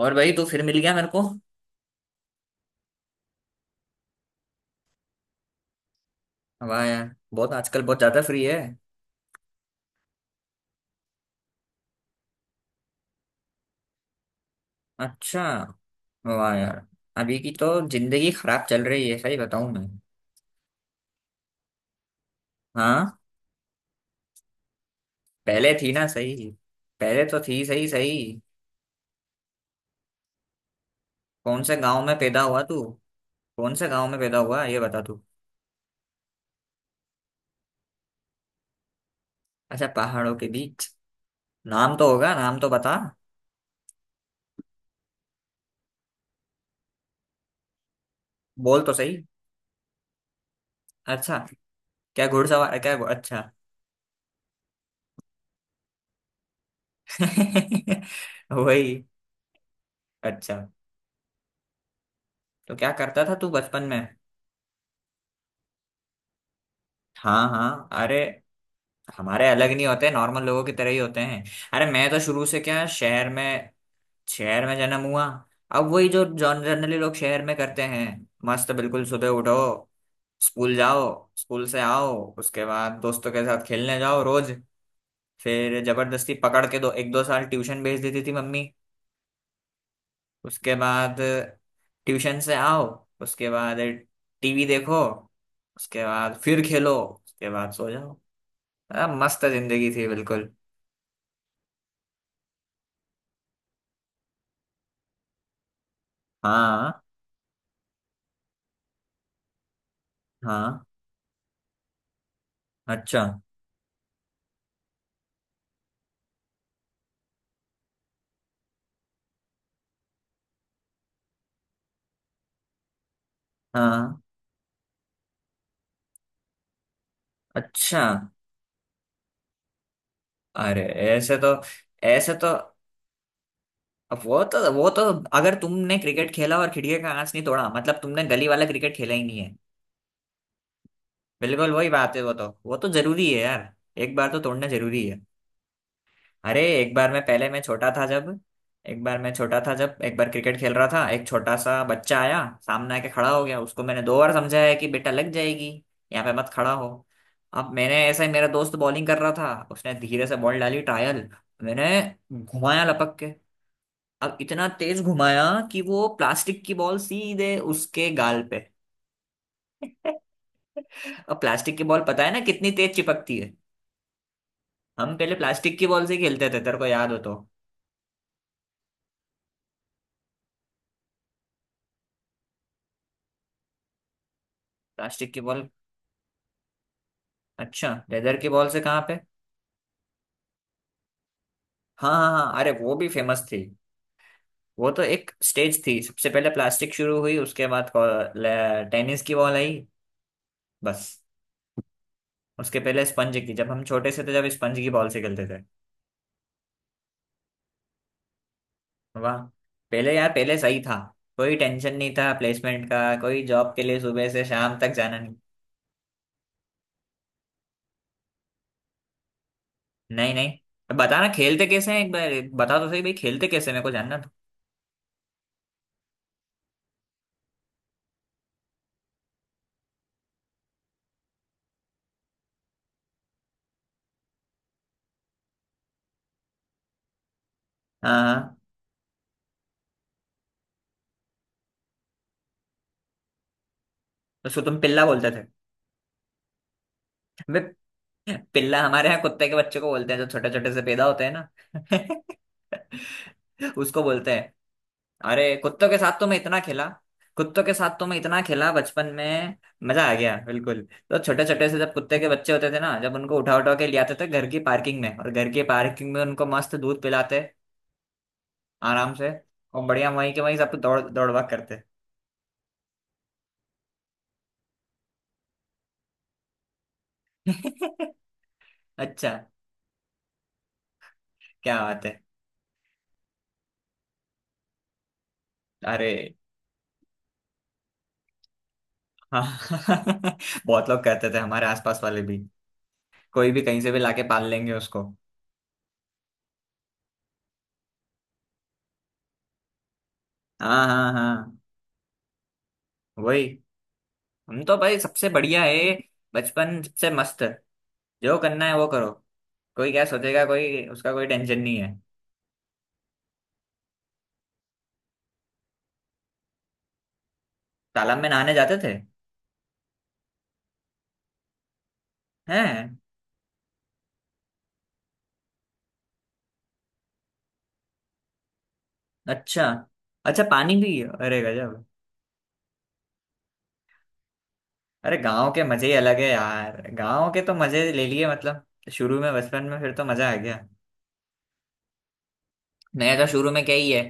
और भाई तू फिर मिल गया मेरे को। वाह यार, बहुत आजकल बहुत ज्यादा फ्री है। अच्छा। वाह यार। अभी की तो जिंदगी खराब चल रही है, सही बताऊं मैं। हाँ। पहले थी ना सही। पहले तो थी सही सही। कौन से गांव में पैदा हुआ तू? कौन से गांव में पैदा हुआ ये बता तू। अच्छा, पहाड़ों के बीच। नाम तो होगा, नाम तो बता। बोल तो सही। अच्छा, क्या घुड़सवार क्या, अच्छा। वही। अच्छा, तो क्या करता था तू बचपन में? हाँ हाँ, अरे हमारे अलग नहीं होते, नॉर्मल लोगों की तरह ही होते हैं। अरे मैं तो शुरू से क्या, शहर में। शहर में जन्म हुआ। अब वही जो जनरली लोग शहर में करते हैं। मस्त बिल्कुल, सुबह उठो। स्कूल जाओ। स्कूल से आओ। उसके बाद दोस्तों के साथ खेलने जाओ रोज। फिर जबरदस्ती पकड़ के दो, एक दो साल ट्यूशन भेज देती थी मम्मी। उसके बाद ट्यूशन से आओ। उसके बाद टीवी देखो। उसके बाद फिर खेलो। उसके बाद सो जाओ। मस्त जिंदगी थी बिल्कुल। हाँ हाँ। अच्छा। हाँ। अच्छा। अरे ऐसे तो अब वो तो अगर तुमने क्रिकेट खेला और खिड़की का कांच नहीं तोड़ा, मतलब तुमने गली वाला क्रिकेट खेला ही नहीं है। बिल्कुल वही बात है, वो तो जरूरी है यार। एक बार तो तोड़ना जरूरी है। अरे एक बार, मैं छोटा था जब, एक बार क्रिकेट खेल रहा था, एक छोटा सा बच्चा आया। सामने आके खड़ा हो गया, उसको मैंने दो बार समझाया कि बेटा लग जाएगी, यहाँ पे मत खड़ा हो। अब मैंने ऐसा ही, मेरा दोस्त बॉलिंग कर रहा था, उसने धीरे से बॉल डाली ट्रायल। मैंने घुमाया लपक के। अब इतना तेज घुमाया कि वो प्लास्टिक की बॉल सीधे उसके गाल पे। अब प्लास्टिक की बॉल पता है ना कितनी तेज चिपकती है। हम पहले प्लास्टिक की बॉल से खेलते थे, तेरे को याद हो तो। प्लास्टिक की बॉल। अच्छा, लेदर की बॉल से कहाँ पे? हाँ हाँ हाँ, अरे वो भी फेमस थी। वो तो एक स्टेज थी, सबसे पहले प्लास्टिक शुरू हुई, उसके बाद को- ले- टेनिस की बॉल आई। बस। उसके पहले स्पंज की, जब हम छोटे से थे जब स्पंज की बॉल से खेलते थे। वाह। पहले यार, पहले सही था। कोई टेंशन नहीं था प्लेसमेंट का, कोई जॉब के लिए सुबह से शाम तक जाना नहीं। नहीं नहीं, बताना खेलते कैसे हैं एक बार। बता तो सही भाई, खेलते कैसे, मेरे को जानना था। हाँ हाँ। उसको तुम पिल्ला बोलते थे? मैं, पिल्ला हमारे यहाँ कुत्ते के बच्चे को बोलते हैं, जो छोटे छोटे से पैदा होते हैं ना। उसको बोलते हैं। अरे कुत्तों के साथ तो मैं इतना खेला। कुत्तों के साथ तो मैं इतना खेला बचपन में। मजा आ गया बिल्कुल। तो छोटे छोटे से जब कुत्ते के बच्चे होते थे ना, जब उनको उठा उठा के ले आते थे घर की पार्किंग में, और घर की पार्किंग में उनको मस्त दूध पिलाते आराम से। और बढ़िया, वहीं के वहीं सब दौड़ दौड़ भाग करते। अच्छा। क्या बात है। अरे हाँ, बहुत लोग करते थे, हमारे आसपास वाले भी। कोई भी कहीं से भी लाके पाल लेंगे उसको। हाँ हाँ हाँ, वही। हम तो भाई सबसे बढ़िया है, बचपन सबसे मस्त। जो करना है वो करो। कोई क्या सोचेगा, कोई उसका कोई टेंशन नहीं है। तालाब में नहाने जाते थे? हैं? अच्छा। अच्छा पानी भी, अरे गजब। अरे गांव के मजे ही अलग है यार, गांव के तो मजे ले लिए मतलब। शुरू में बचपन में फिर तो मजा आ गया। मैं तो शुरू में क्या ही है।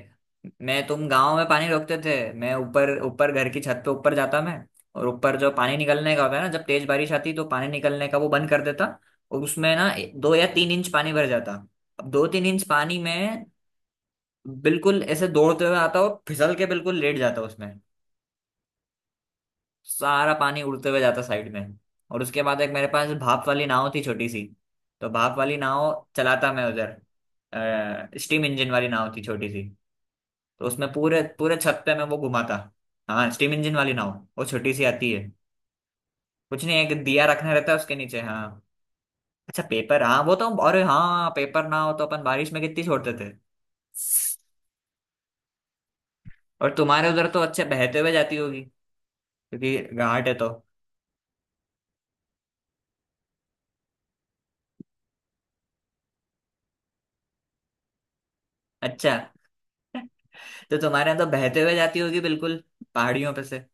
मैं, तुम गांव में पानी रोकते थे, मैं ऊपर ऊपर घर की छत पे ऊपर जाता मैं। और ऊपर जो पानी निकलने का होता है ना, जब तेज बारिश आती तो पानी निकलने का वो बंद कर देता। और उसमें ना दो या तीन इंच पानी भर जाता। अब दो तीन इंच पानी में बिल्कुल ऐसे दौड़ते हुए आता, और फिसल के बिल्कुल लेट जाता उसमें। सारा पानी उड़ते हुए जाता साइड में। और उसके बाद एक मेरे पास भाप वाली नाव थी छोटी सी। तो भाप वाली नाव चलाता मैं उधर। स्टीम इंजन वाली नाव थी छोटी सी। तो उसमें पूरे पूरे छत पे मैं वो घुमाता। हाँ, स्टीम इंजन वाली नाव। वो छोटी सी आती है। कुछ नहीं, एक दिया रखना रहता है उसके नीचे, हाँ। अच्छा पेपर, हाँ वो तो, अरे हाँ, पेपर ना हो तो अपन बारिश में कितनी छोड़ते थे। और तुम्हारे उधर तो अच्छे बहते हुए जाती होगी, क्योंकि घाट है तो। अच्छा। तो तुम्हारे यहाँ तो बहते हुए जाती होगी बिल्कुल, पहाड़ियों पे से।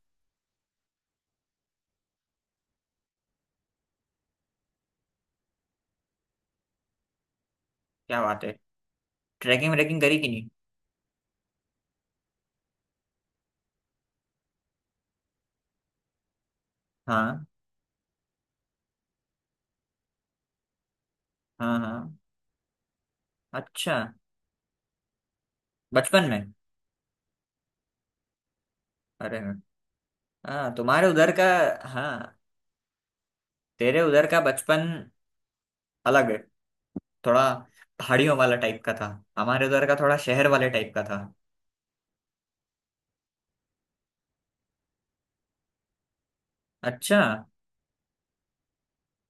क्या बात है। ट्रैकिंग व्रेकिंग करी कि नहीं? हाँ हाँ हाँ। अच्छा। बचपन में? अरे हाँ, तुम्हारे उधर का। हाँ, तेरे उधर का बचपन अलग है थोड़ा। पहाड़ियों वाला टाइप का था। हमारे उधर का थोड़ा शहर वाले टाइप का था। अच्छा।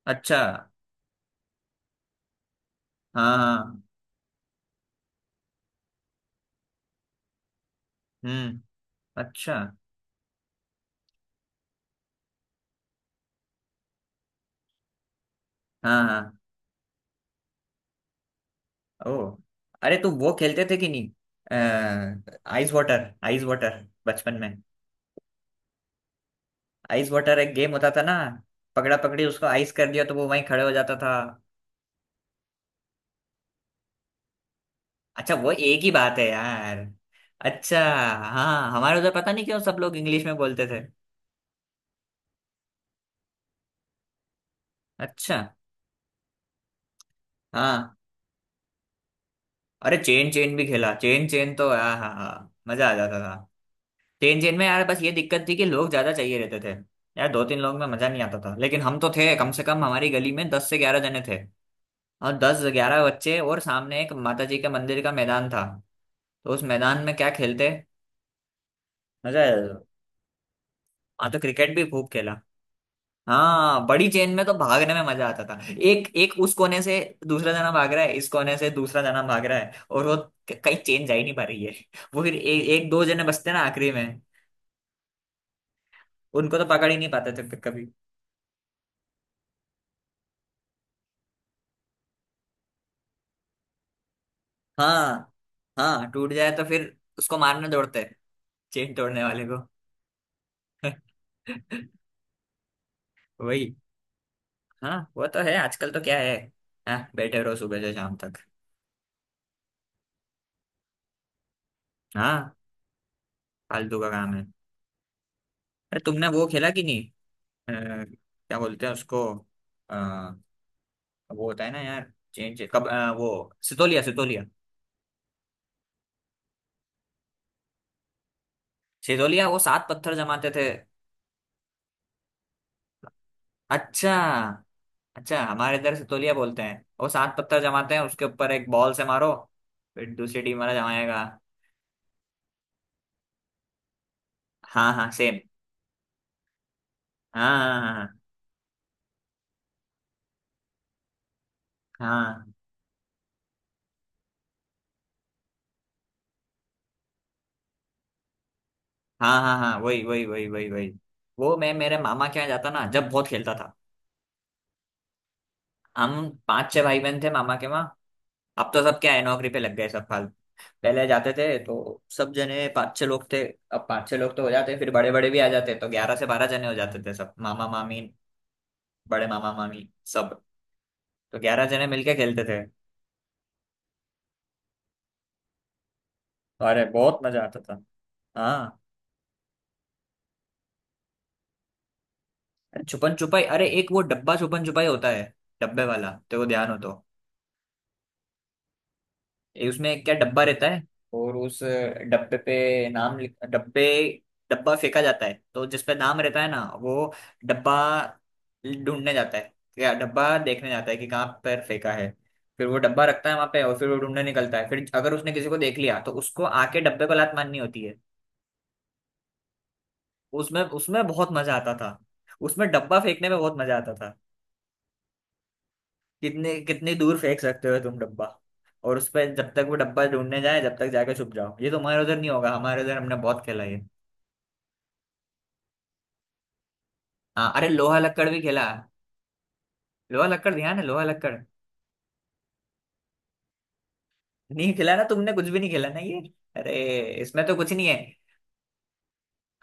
अच्छा। हाँ हाँ, हम्म। अच्छा। हाँ हाँ। ओ। अरे तुम वो खेलते थे कि नहीं, आइस वाटर आइस वाटर, बचपन में? आइस वाटर एक गेम होता था ना। पकड़ा पकड़ी, उसको आइस कर दिया तो वो वहीं खड़े हो जाता था। अच्छा, वो एक ही बात है यार। अच्छा। हाँ, हमारे उधर पता नहीं क्यों सब लोग इंग्लिश में बोलते थे। अच्छा। हाँ, अरे चेन चेन भी खेला, चेन चेन तो हाँ हाँ हाँ, मजा आ जाता था। चेन चेन में यार, बस ये दिक्कत थी कि लोग ज्यादा चाहिए रहते थे। यार दो तीन लोग में मजा नहीं आता था, लेकिन हम तो थे कम से कम, हमारी गली में दस से ग्यारह जने थे। और दस ग्यारह बच्चे, और सामने एक माता जी के मंदिर का मैदान था। तो उस मैदान में क्या खेलते, मजा आया था। हाँ तो क्रिकेट भी खूब खेला। हाँ, बड़ी चेन में तो भागने में मजा आता था। एक एक उस कोने से दूसरा जना भाग रहा है, इस कोने से दूसरा जना भाग रहा है, और वो क- कहीं चेन जा ही नहीं पा रही है। वो फिर एक दो जने बचते ना आखिरी में। उनको तो पकड़ ही नहीं पाते थे फिर कभी। हाँ हाँ, टूट जाए तो फिर उसको मारने दौड़ते हैं, चेन तोड़ने वाले को। वही। हाँ वो तो है, आजकल तो क्या है। हाँ, बैठे रहो सुबह से शाम तक। हाँ, फालतू का काम है। अरे तुमने वो खेला कि नहीं, अ, क्या बोलते हैं उसको, वो होता है ना यार, चेंज कब, वो सितोलिया सितोलिया। सितोलिया, वो सात पत्थर जमाते थे। अच्छा। अच्छा, हमारे इधर सितोलिया बोलते हैं, वो सात पत्थर जमाते हैं, उसके ऊपर एक बॉल से मारो। फिर दूसरी टीम वाला जमाएगा। हाँ हाँ सेम, हाँ हाँ हाँ, हाँ हाँ हाँ, हाँ, हाँ, वही वही वही वही वही। वो मैं मेरे मामा के यहाँ जाता ना जब, बहुत खेलता था। हम पांच छह भाई बहन थे मामा के वहाँ। अब तो सब क्या है, नौकरी पे लग गए सब फाल। पहले जाते थे तो सब जने पांच छह लोग थे। अब पांच छह लोग तो हो जाते, फिर बड़े बड़े भी आ जाते, तो ग्यारह से बारह जने हो जाते थे सब, मामा मामी, बड़े मामा मामी सब। तो ग्यारह जने मिलके खेलते थे। अरे बहुत मजा आता था। हाँ। अरे छुपन छुपाई, अरे एक वो डब्बा छुपन छुपाई होता है, डब्बे वाला तो, वो ध्यान हो तो। ये उसमें क्या, डब्बा रहता है, और उस डब्बे पे नाम लिख, डब्बे, डब्बा फेंका जाता है तो जिस पे नाम रहता है ना, वो डब्बा ढूंढने जाता है, या डब्बा देखने जाता है कि कहाँ पर फेंका है। फिर वो डब्बा रखता है वहां पे, और फिर वो ढूंढने निकलता है, फिर अगर उसने किसी को देख लिया, तो उसको आके डब्बे को लात मारनी होती है। उसमें उसमें बहुत मजा आता था। उसमें डब्बा फेंकने में बहुत मजा आता था। कितने, कितनी दूर फेंक सकते हो तुम डब्बा। और उस पर जब तक वो डब्बा ढूंढने जाए, जब तक जाके छुप जाओ। ये तुम्हारे उधर नहीं होगा, हमारे उधर हमने बहुत खेला ये। हाँ अरे, लोहा लक्कड़ भी खेला, लोहा लक्कड़ ध्यान है? लोहा लक्कड़ नहीं खेला ना तुमने, कुछ भी नहीं खेला ना ये। अरे इसमें तो कुछ नहीं है।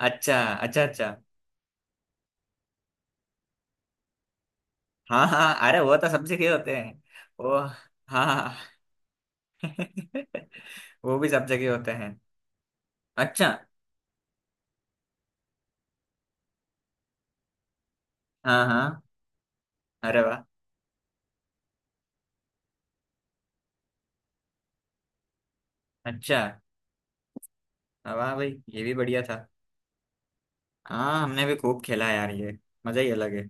अच्छा अच्छा अच्छा। हाँ हाँ, अरे वो तो सब जगह होते हैं। वो, हाँ, वो भी सब जगह होते हैं। अच्छा। हाँ हाँ। अरे वाह। अच्छा। हाँ, वाह भाई, ये भी बढ़िया था। हाँ, हमने भी खूब खेला यार ये। मजा ही अलग है।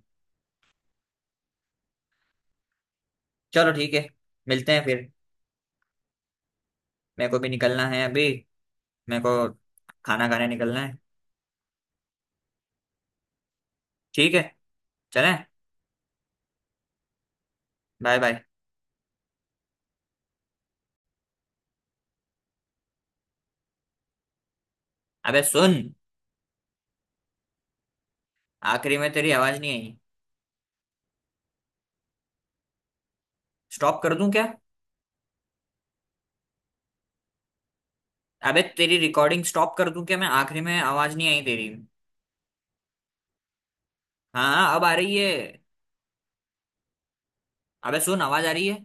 चलो ठीक है, मिलते हैं फिर। मेरे को भी निकलना है अभी। मेरे को खाना खाने निकलना है। ठीक है। चले। Bye bye. अबे सुन, आखिरी में तेरी आवाज नहीं आई, स्टॉप कर दूं क्या? अबे तेरी रिकॉर्डिंग स्टॉप कर दूं क्या, मैं, आखिरी में आवाज नहीं आई तेरी। हाँ, अब आ रही है। अबे सुन, आवाज आ रही है?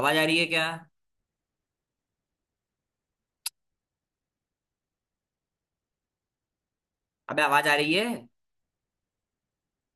आवाज आ रही है क्या? अबे आवाज आ रही है।